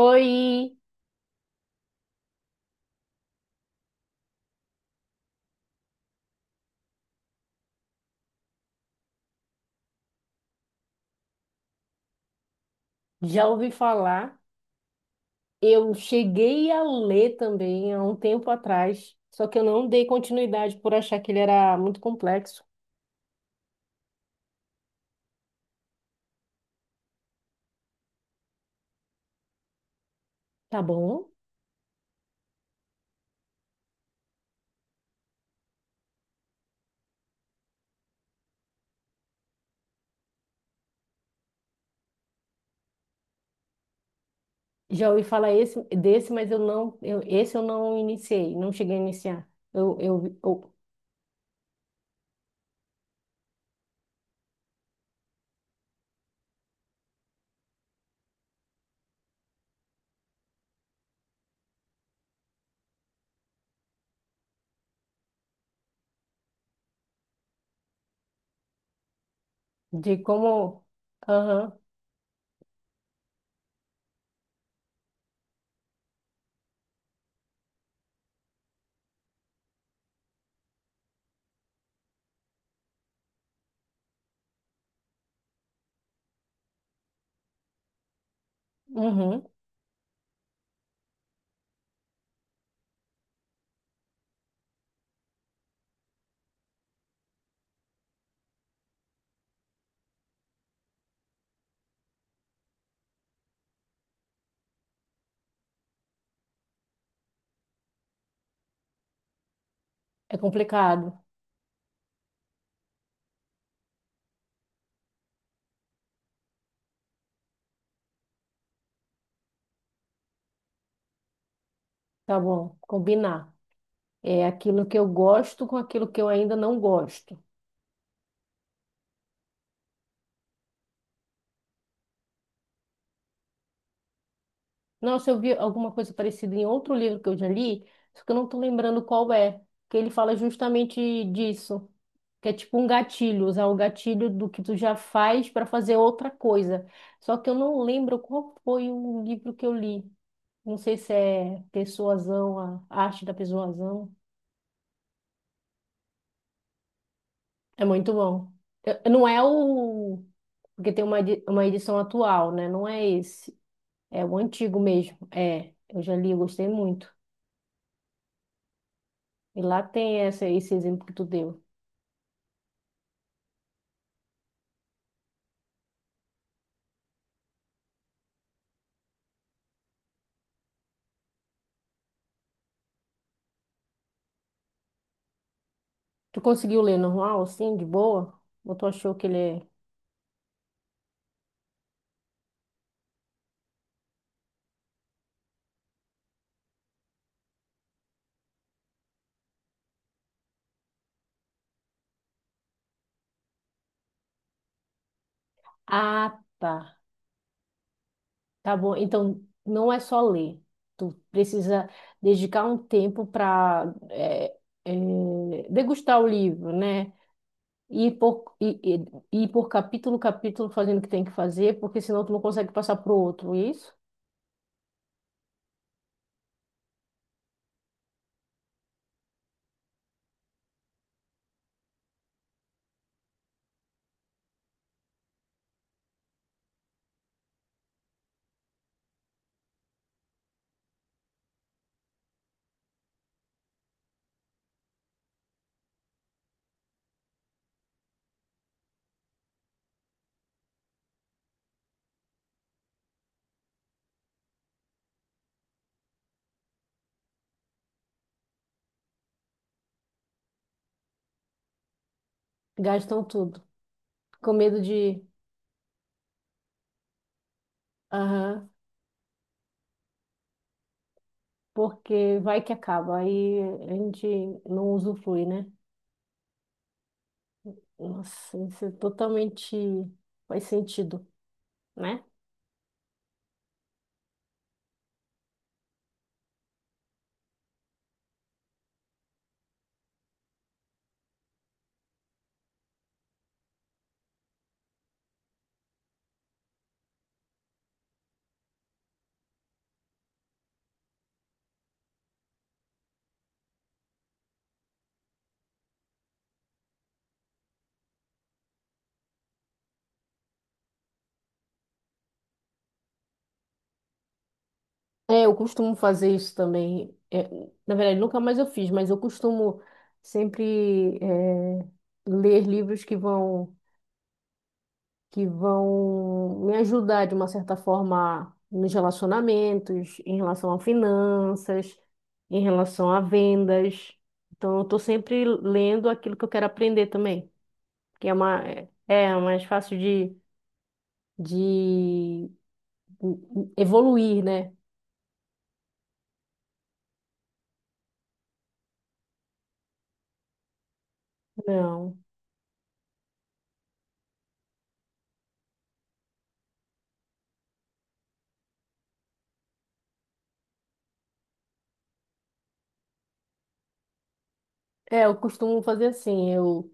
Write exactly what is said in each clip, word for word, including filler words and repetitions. Oi, já ouvi falar. Eu cheguei a ler também há um tempo atrás, só que eu não dei continuidade por achar que ele era muito complexo. Tá bom? Já ouvi falar esse, desse, mas eu não, eu, esse eu não iniciei, não cheguei a iniciar. Eu, eu, eu- de como, aham, uhum, é complicado. Tá bom, combinar. É aquilo que eu gosto com aquilo que eu ainda não gosto. Nossa, eu vi alguma coisa parecida em outro livro que eu já li, só que eu não tô lembrando qual é, que ele fala justamente disso, que é tipo um gatilho, usar o gatilho do que tu já faz para fazer outra coisa. Só que eu não lembro qual foi o livro que eu li. Não sei se é Persuasão, a Arte da Persuasão. É muito bom. Eu- não é o... Porque tem uma, edi- uma edição atual, né? Não é esse. É o antigo mesmo. É, eu já li, eu gostei muito. E lá tem essa, esse exemplo que tu deu. Tu conseguiu ler normal, assim, de boa? Ou tu achou que ele é... Ah, tá. Tá bom. Então, não é só ler. Tu precisa dedicar um tempo para degustar o livro, né? Ir por, ir, ir ir por capítulo, capítulo, fazendo o que tem que fazer, porque senão tu não consegue passar pro outro, é isso? Gastam tudo. Com medo de... Aham. Porque vai que acaba. Aí a gente não usufrui, né? Nossa, isso é totalmente faz sentido, né? É, eu costumo fazer isso também. É, na verdade, nunca mais eu fiz, mas eu costumo sempre é, ler livros que vão que vão me ajudar de uma certa forma nos relacionamentos, em relação a finanças, em relação a vendas. Então, eu estou sempre lendo aquilo que eu quero aprender também, que é uma é é mais fácil de de evoluir, né? Não. É, eu costumo fazer assim, eu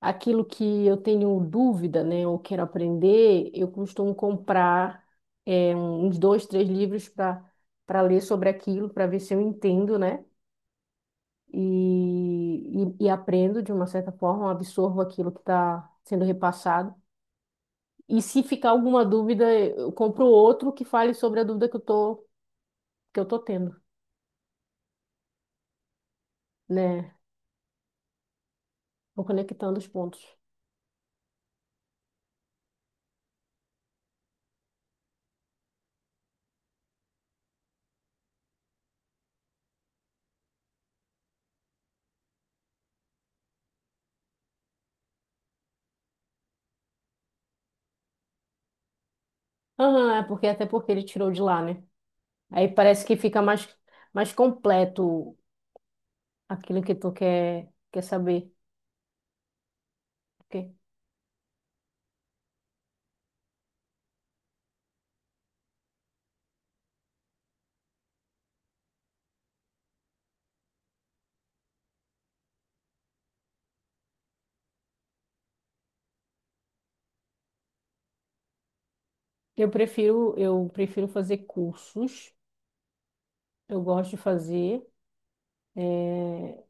aquilo que eu tenho dúvida, né, ou quero aprender, eu costumo comprar é, uns dois, três livros para para ler sobre aquilo, para ver se eu entendo, né? E, e, e aprendo de uma certa forma, absorvo aquilo que está sendo repassado. E se ficar alguma dúvida, eu compro outro que fale sobre a dúvida que eu tô, que eu tô tendo, né? Vou conectando os pontos. Aham, é porque até porque ele tirou de lá, né? Aí parece que fica mais, mais completo aquilo que tu quer, quer saber. Ok. Eu prefiro, eu prefiro fazer cursos, eu gosto de fazer. eh,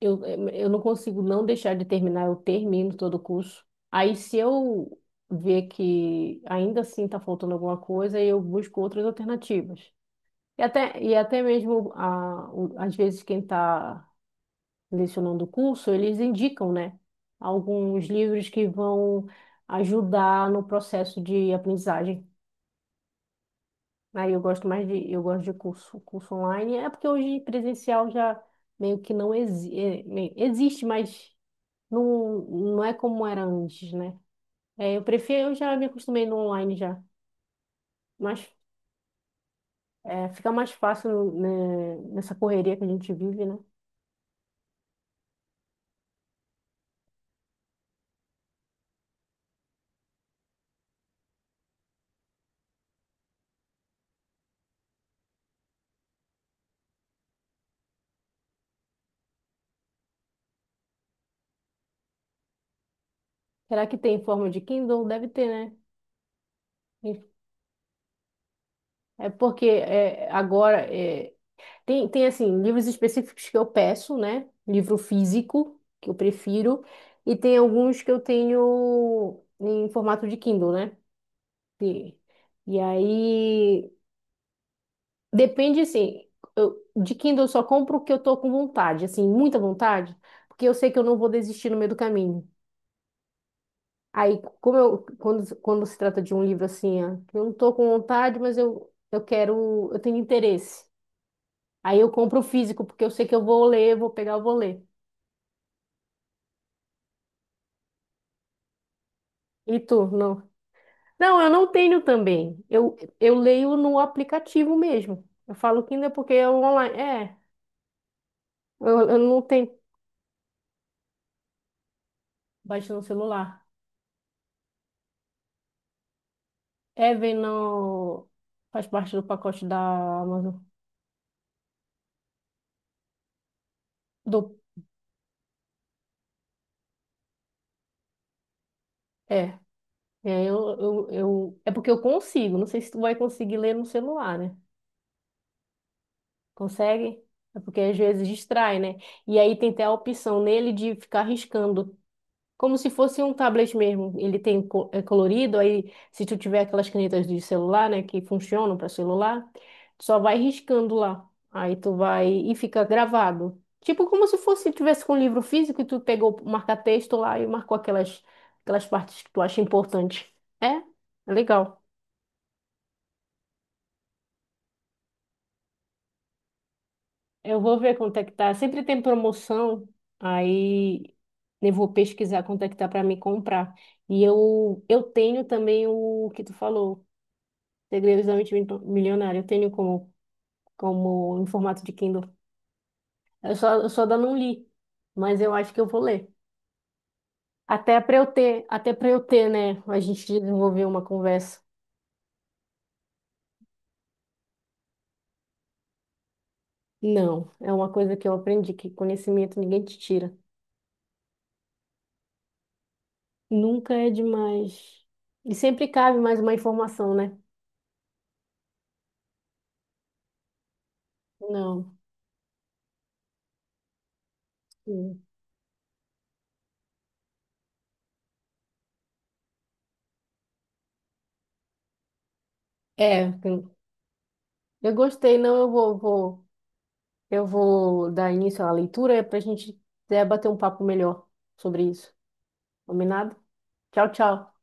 eu, eu não consigo não deixar de terminar, eu termino todo o curso. Aí se eu ver que ainda assim está faltando alguma coisa, eu busco outras alternativas. E até, e até mesmo, a, o- às vezes, quem está lecionando o curso, eles indicam, né, alguns livros que vão ajudar no processo de aprendizagem. Aí eu gosto mais de, eu gosto de curso, curso online, é porque hoje presencial já meio que não exi é, meio- existe, mas não, não é como era antes, né? É, eu prefiro, eu já me acostumei no online já, mas é, fica mais fácil, né, nessa correria que a gente vive, né? Será que tem em forma de Kindle? Deve ter, né? É porque é, agora é, tem, tem, assim, livros específicos que eu peço, né? Livro físico, que eu prefiro. E tem alguns que eu tenho em formato de Kindle, né? E, e aí, depende, assim, eu, de Kindle eu só compro o que eu tô com vontade, assim, muita vontade, porque eu sei que eu não vou desistir no meio do caminho. Aí, como eu, quando, quando se trata de um livro assim, ah, que eu não tô com vontade, mas eu, eu quero, eu tenho interesse. Aí eu compro o físico, porque eu sei que eu vou ler, vou pegar, eu vou ler. E tu, não? Não, eu não tenho também. Eu, eu leio no aplicativo mesmo. Eu falo Kindle porque é online. É, eu, eu não tenho. Baixa no celular. É, vem no... Faz parte do pacote da Amazon. Do... É, é, eu, eu, eu... é porque eu consigo. Não sei se tu vai conseguir ler no celular, né? Consegue? É porque às vezes distrai, né? E aí tem até a opção nele de ficar riscando. Como se fosse um tablet mesmo. Ele tem co- é colorido, aí se tu tiver aquelas canetas de celular, né, que funcionam para celular, tu só vai riscando lá. Aí tu vai e fica gravado. Tipo como se fosse tivesse com um livro físico e tu pegou o marca-texto lá e marcou aquelas aquelas partes que tu acha importante. É? É legal. Eu vou ver quanto é que tá. Sempre tem promoção, aí eu vou pesquisar quanto é que tá para me comprar. E eu eu tenho também o que tu falou Segredos da Mente Mito- Milionária. Eu tenho como, como em formato de Kindle. Eu só, eu só ainda não li, mas eu acho que eu vou ler. Até para eu ter, até para eu ter, né? A gente desenvolver uma conversa. Não, é uma coisa que eu aprendi, que conhecimento ninguém te tira. Nunca é demais. E sempre cabe mais uma informação, né? Não. Hum. É, eu gostei, não, eu vou, vou, eu vou dar início à leitura para a gente é, bater um papo melhor sobre isso. Combinado? Tchau, tchau.